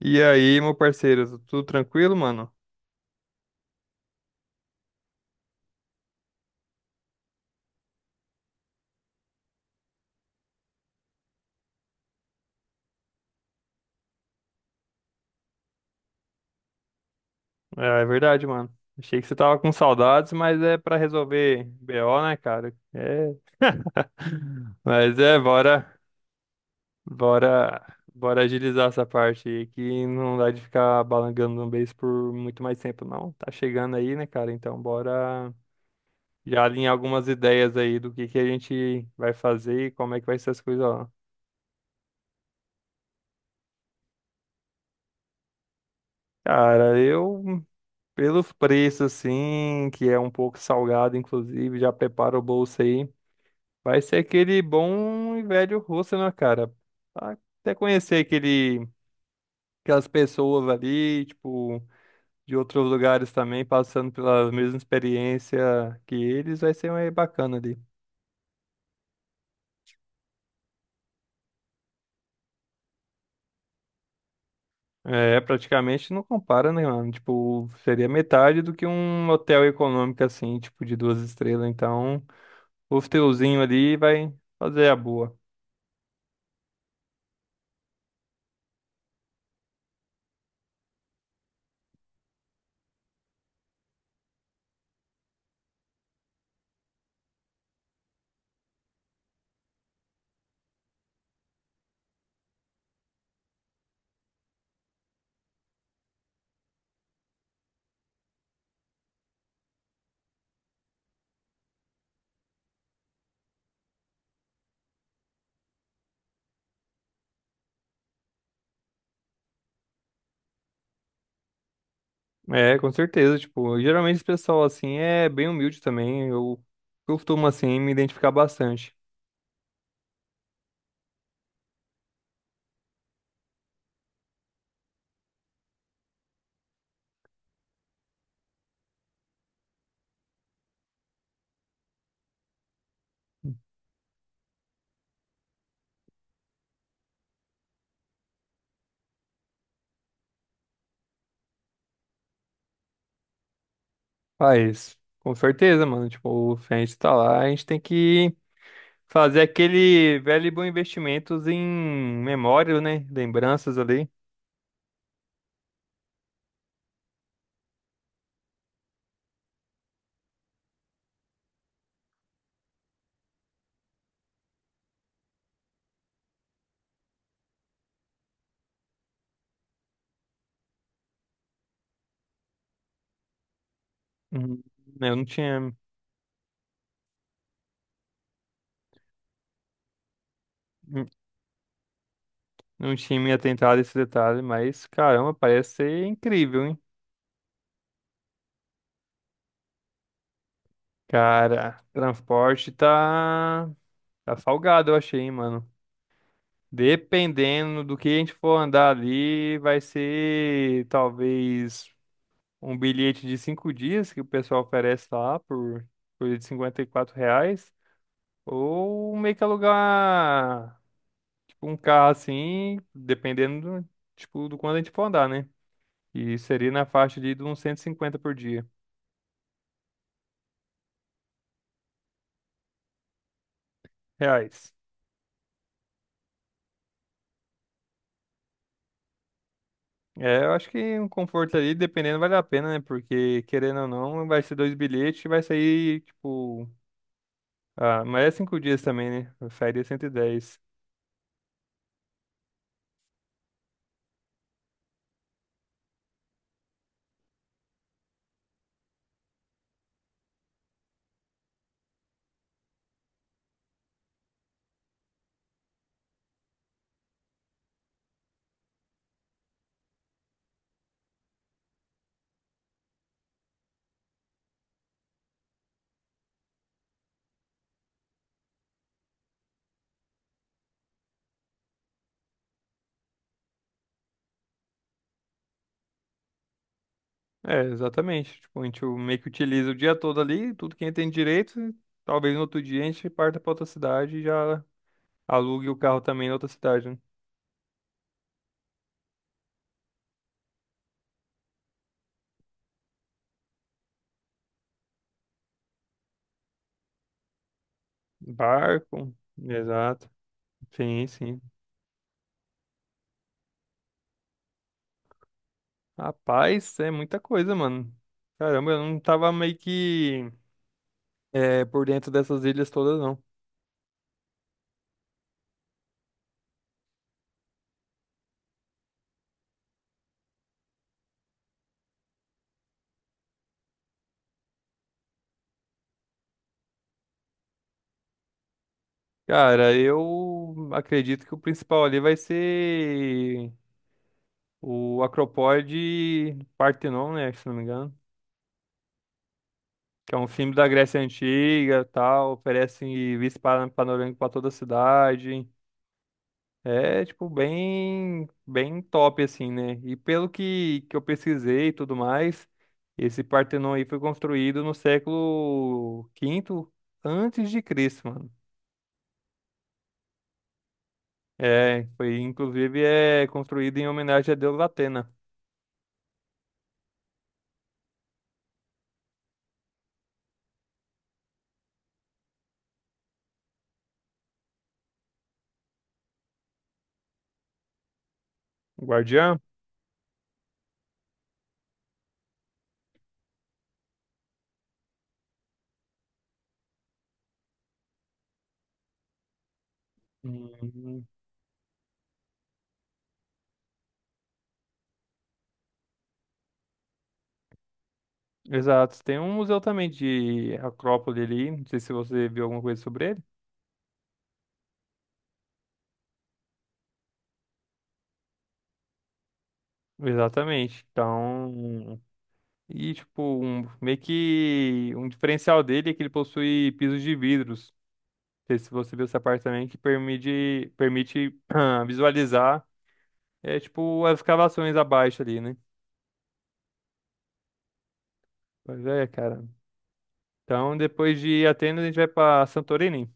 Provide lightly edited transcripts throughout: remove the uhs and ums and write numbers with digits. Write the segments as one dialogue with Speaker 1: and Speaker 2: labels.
Speaker 1: E aí, meu parceiro, tudo tranquilo, mano? É, é verdade, mano. Achei que você tava com saudades, mas é pra resolver BO, né, cara? É, mas é, bora, bora, bora agilizar essa parte aí, que não dá de ficar balangando no beijo por muito mais tempo, não. Tá chegando aí, né, cara? Então, bora já alinhar algumas ideias aí do que a gente vai fazer e como é que vai ser as coisas lá. Cara, eu pelos preços, assim, que é um pouco salgado, inclusive, já prepara o bolso aí. Vai ser aquele bom e velho russo, né, cara? Pra Até conhecer aquelas pessoas ali, tipo, de outros lugares também, passando pela mesma experiência que eles, vai ser mais bacana ali. É, praticamente não compara, né, mano? Tipo, seria metade do que um hotel econômico, assim, tipo, de duas estrelas. Então, o hotelzinho ali vai fazer a boa. É, com certeza, tipo, geralmente esse pessoal, assim, é bem humilde também. Eu costumo, assim, me identificar bastante. Faz, com certeza, mano. Tipo, se a gente tá lá, a gente tem que fazer aquele velho e bom investimentos em memória, né? Lembranças ali. Uhum. Eu não tinha me atentado a esse detalhe, mas caramba, parece ser incrível, hein? Cara, transporte tá salgado, eu achei, hein, mano. Dependendo do que a gente for andar ali, vai ser talvez. Um bilhete de 5 dias que o pessoal oferece lá por coisa de 54 reais. Ou meio que alugar tipo, um carro assim, dependendo do, tipo, do quanto a gente for andar, né? E seria na faixa de uns 150 por dia. Reais. É, eu acho que um conforto ali, dependendo, vale a pena, né? Porque, querendo ou não, vai ser dois bilhetes, vai sair, tipo. Ah, mas é 5 dias também, né? Sairia 110. É, exatamente. Tipo, a gente meio que utiliza o dia todo ali, tudo que a gente tem direito. E talvez no outro dia a gente parta pra outra cidade e já alugue o carro também na outra cidade, né? Barco. Exato. Sim, sim. Rapaz, é muita coisa, mano. Caramba, eu não tava meio que é, por dentro dessas ilhas todas, não. Cara, eu acredito que o principal ali vai ser o Acropole de Partenon, né? Se não me engano. Que é um filme da Grécia Antiga, tal, oferece vista panorâmica para toda a cidade. É, tipo, bem, bem top, assim, né? E pelo que eu pesquisei e tudo mais, esse Partenon aí foi construído no século quinto antes de Cristo, mano. É, foi, inclusive, é construído em homenagem a Deus Atena. Guardiã? Uhum. Exato. Tem um museu também de Acrópole ali, não sei se você viu alguma coisa sobre. Exatamente. Então, e tipo, um, meio que um diferencial dele é que ele possui pisos de vidros. Não sei se você viu essa parte também, que permite visualizar, é tipo, as escavações abaixo ali, né? Pois é, cara. Então, depois de Atenas, a gente vai pra Santorini.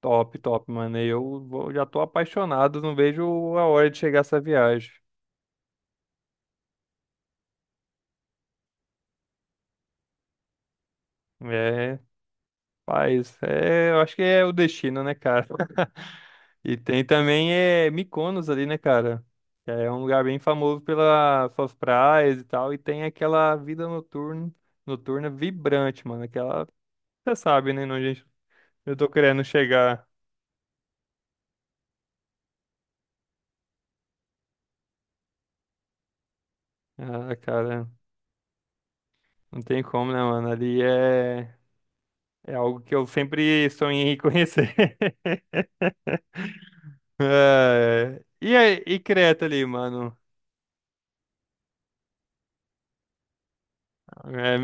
Speaker 1: Top, top, mano. Já tô apaixonado, não vejo a hora de chegar essa viagem. É, paz, é, eu acho que é o destino, né, cara? E tem também é, Mykonos ali, né, cara? Que é um lugar bem famoso pelas suas praias e tal. E tem aquela vida noturna, noturna vibrante, mano. Aquela, você sabe, né, onde eu tô querendo chegar. Ah, cara, não tem como, né, mano? Ali é, é algo que eu sempre sonhei em conhecer. E Creta ali, mano? É.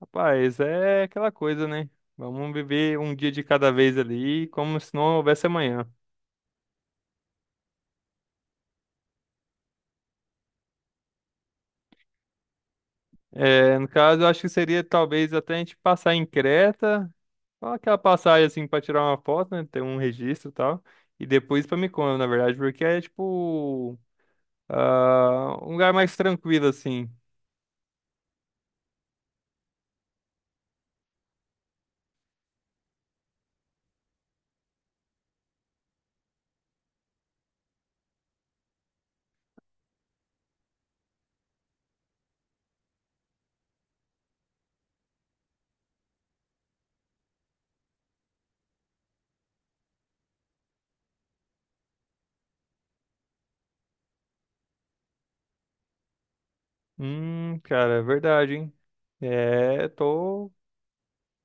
Speaker 1: Rapaz, é aquela coisa, né? Vamos viver um dia de cada vez ali, como se não houvesse amanhã. É, no caso, eu acho que seria talvez até a gente passar em Creta, só aquela passagem assim pra tirar uma foto, né? Ter um registro e tal. E depois pra Mykonos, na verdade, porque é tipo ah, um lugar mais tranquilo assim. Cara, é verdade, hein? É, tô.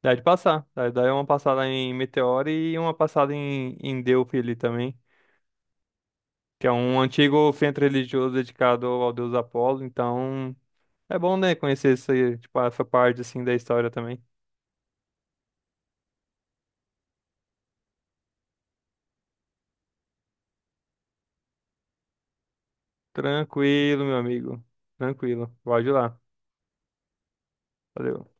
Speaker 1: Dá de passar. Dá uma passada em Meteora e uma passada em Delphi ali também. Que é um antigo centro religioso dedicado ao deus Apolo. Então, é bom, né, conhecer essa, tipo, essa parte, assim, da história também. Tranquilo, meu amigo. Tranquilo. Pode ir lá. Valeu.